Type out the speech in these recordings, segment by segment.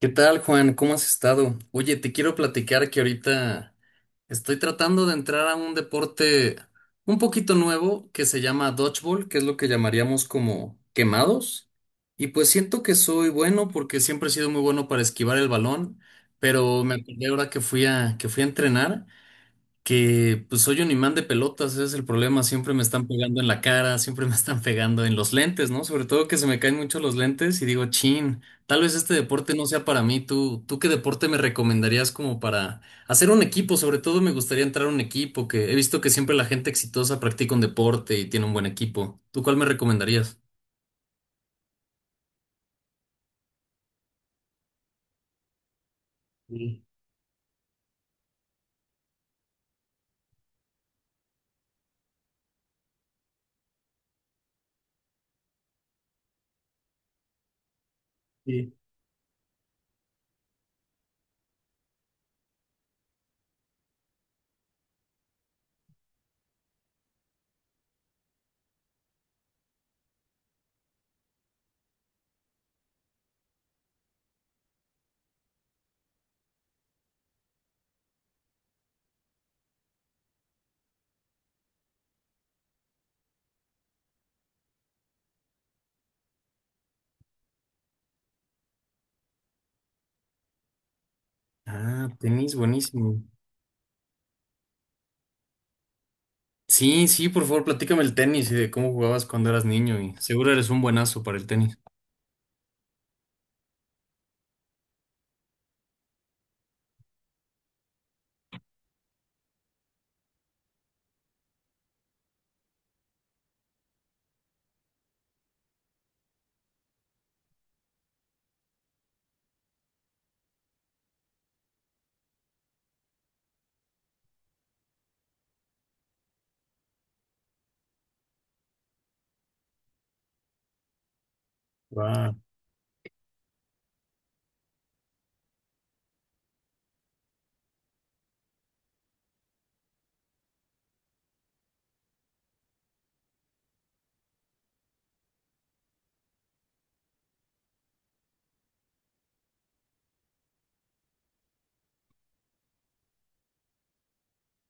¿Qué tal, Juan? ¿Cómo has estado? Oye, te quiero platicar que ahorita estoy tratando de entrar a un deporte un poquito nuevo que se llama dodgeball, que es lo que llamaríamos como quemados. Y pues siento que soy bueno porque siempre he sido muy bueno para esquivar el balón, pero me acordé ahora que fui a entrenar que pues soy un imán de pelotas, ese es el problema, siempre me están pegando en la cara, siempre me están pegando en los lentes, ¿no? Sobre todo que se me caen mucho los lentes y digo, chin, tal vez este deporte no sea para mí. ¿Tú qué deporte me recomendarías como para hacer un equipo? Sobre todo me gustaría entrar a un equipo, que he visto que siempre la gente exitosa practica un deporte y tiene un buen equipo. ¿Tú cuál me recomendarías? Sí, sí. Ah, tenis, buenísimo. Sí, sí, por favor, platícame el tenis y de cómo jugabas cuando eras niño y seguro eres un buenazo para el tenis. Guau.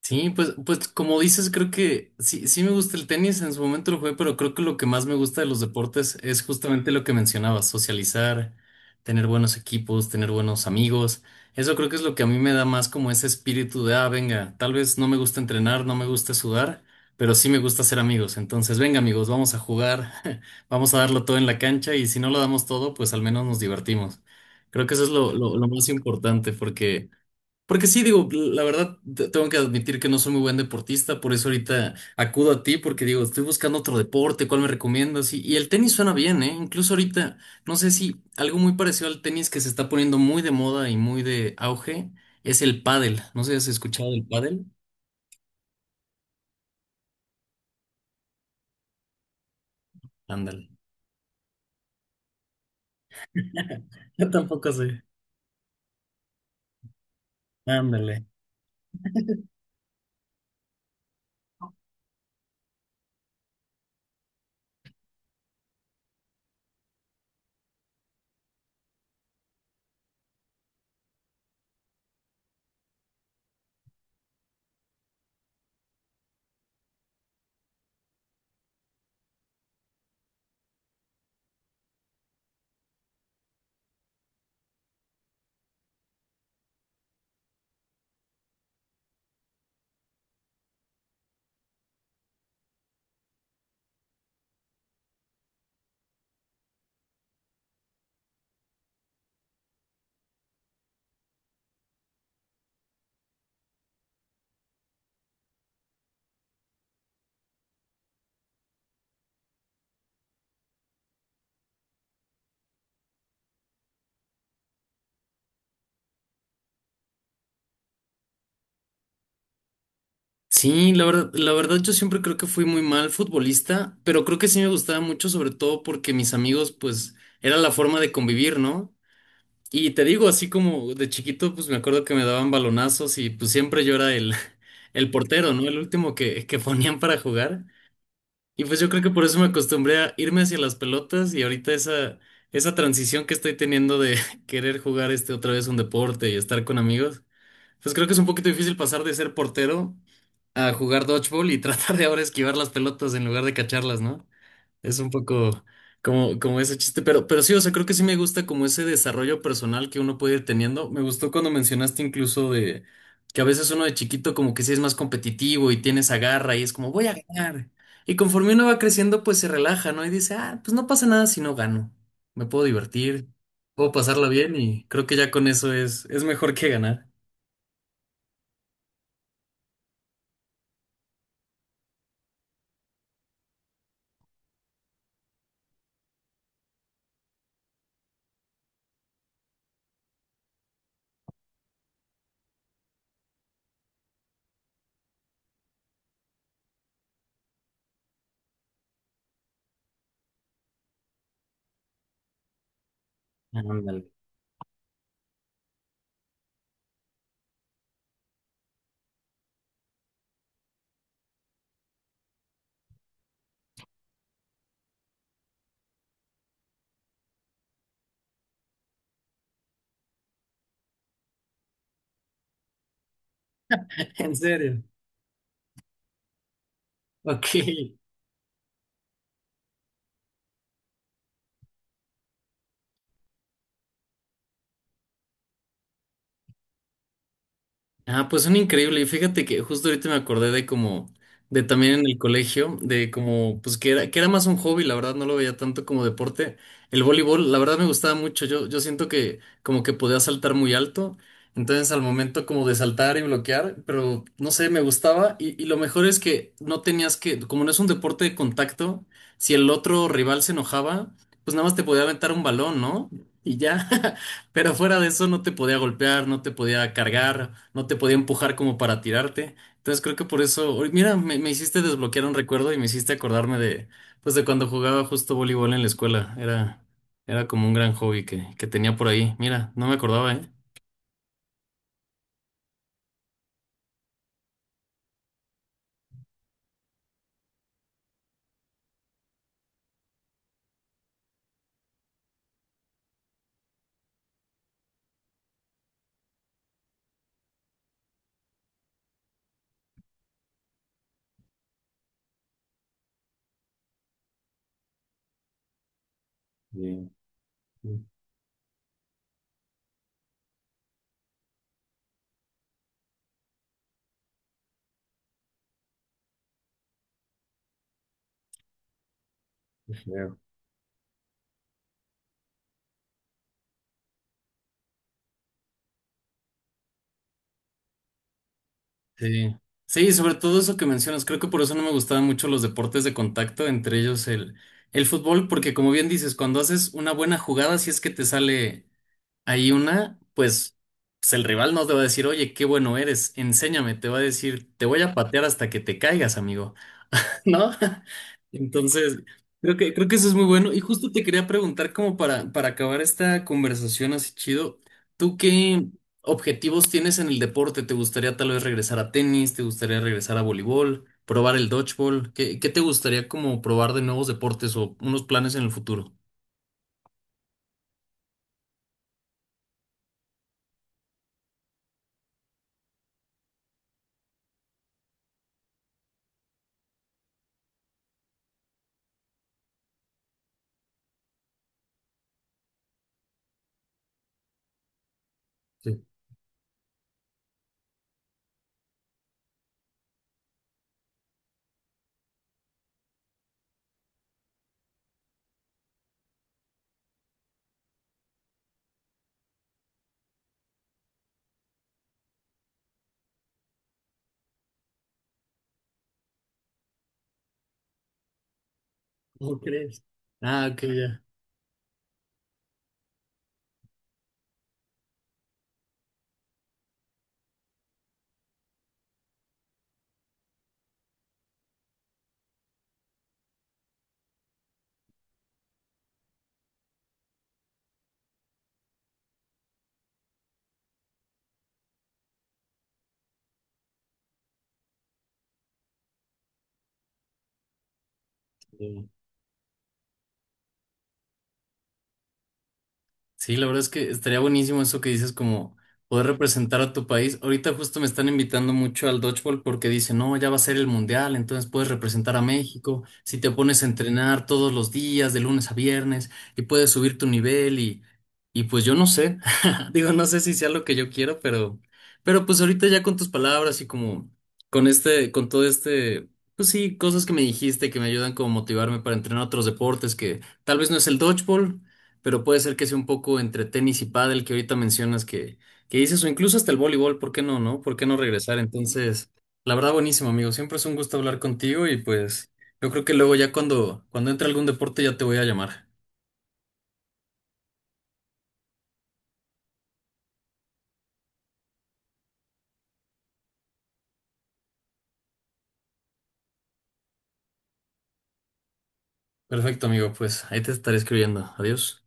Sí, pues, pues como dices, creo que sí, sí me gusta el tenis, en su momento lo jugué, pero creo que lo que más me gusta de los deportes es justamente lo que mencionabas: socializar, tener buenos equipos, tener buenos amigos. Eso creo que es lo que a mí me da más como ese espíritu de, ah, venga, tal vez no me gusta entrenar, no me gusta sudar, pero sí me gusta ser amigos. Entonces, venga amigos, vamos a jugar, vamos a darlo todo en la cancha y si no lo damos todo, pues al menos nos divertimos. Creo que eso es lo más importante porque... Porque sí, digo, la verdad, te- tengo que admitir que no soy muy buen deportista, por eso ahorita acudo a ti, porque digo, estoy buscando otro deporte, ¿cuál me recomiendas? Y el tenis suena bien, ¿eh? Incluso ahorita, no sé, si algo muy parecido al tenis que se está poniendo muy de moda y muy de auge es el pádel. No sé si has escuchado del pádel. Ándale. Yo tampoco sé. Ándale. Sí, la verdad yo siempre creo que fui muy mal futbolista, pero creo que sí me gustaba mucho, sobre todo porque mis amigos, pues, era la forma de convivir, ¿no? Y te digo, así como de chiquito, pues me acuerdo que me daban balonazos y pues siempre yo era el, el portero, ¿no? El último que ponían para jugar. Y pues yo creo que por eso me acostumbré a irme hacia las pelotas y ahorita esa transición que estoy teniendo de querer jugar este otra vez un deporte y estar con amigos, pues creo que es un poquito difícil pasar de ser portero a jugar dodgeball y tratar de ahora esquivar las pelotas en lugar de cacharlas, ¿no? Es un poco como ese chiste, pero sí, o sea, creo que sí me gusta como ese desarrollo personal que uno puede ir teniendo. Me gustó cuando mencionaste incluso de que a veces uno de chiquito como que sí es más competitivo y tiene esa garra y es como voy a ganar. Y conforme uno va creciendo, pues se relaja, ¿no? Y dice, ah, pues no pasa nada si no gano. Me puedo divertir, puedo pasarla bien y creo que ya con eso es mejor que ganar. Ándale. En serio. Ok. Ah, pues son increíble. Y fíjate que justo ahorita me acordé de como, de también en el colegio, de como, pues que era más un hobby, la verdad, no lo veía tanto como deporte. El voleibol, la verdad me gustaba mucho. Yo siento que como que podía saltar muy alto. Entonces al momento como de saltar y bloquear, pero no sé, me gustaba. Y lo mejor es que no tenías que, como no es un deporte de contacto, si el otro rival se enojaba, pues nada más te podía aventar un balón, ¿no? Y ya. Pero fuera de eso no te podía golpear, no te podía cargar, no te podía empujar como para tirarte. Entonces creo que por eso, oy, mira, me hiciste desbloquear un recuerdo y me hiciste acordarme de, pues de cuando jugaba justo voleibol en la escuela. Era, era como un gran hobby que tenía por ahí. Mira, no me acordaba, ¿eh? Sí, sí, qué feo. Sí. Sí, sobre todo eso que mencionas, creo que por eso no me gustaban mucho los deportes de contacto, entre ellos el fútbol, porque como bien dices, cuando haces una buena jugada, si es que te sale. Hay una, pues, pues el rival no te va a decir, oye, qué bueno eres, enséñame, te va a decir, te voy a patear hasta que te caigas, amigo, ¿no? Entonces, creo que eso es muy bueno. Y justo te quería preguntar, como para acabar esta conversación así chido, ¿tú qué objetivos tienes en el deporte? ¿Te gustaría tal vez regresar a tenis? ¿Te gustaría regresar a voleibol? ¿Probar el dodgeball? ¿Qué te gustaría como probar de nuevos deportes o unos planes en el futuro? Sí. ¿Cómo crees? Ah, ok, ya. Sí, la verdad es que estaría buenísimo eso que dices, como poder representar a tu país. Ahorita justo me están invitando mucho al dodgeball porque dicen, no, ya va a ser el mundial, entonces puedes representar a México si te pones a entrenar todos los días, de lunes a viernes, y puedes subir tu nivel y pues yo no sé, digo, no sé si sea lo que yo quiero, pero pues ahorita ya con tus palabras y como con este, con todo este, pues sí, cosas que me dijiste que me ayudan como motivarme para entrenar otros deportes que tal vez no es el dodgeball pero puede ser que sea un poco entre tenis y pádel que ahorita mencionas que dices, o incluso hasta el voleibol, ¿por qué no, no? ¿Por qué no regresar? Entonces, la verdad, buenísimo, amigo. Siempre es un gusto hablar contigo y pues yo creo que luego ya cuando entre algún deporte ya te voy a llamar. Perfecto, amigo, pues ahí te estaré escribiendo. Adiós.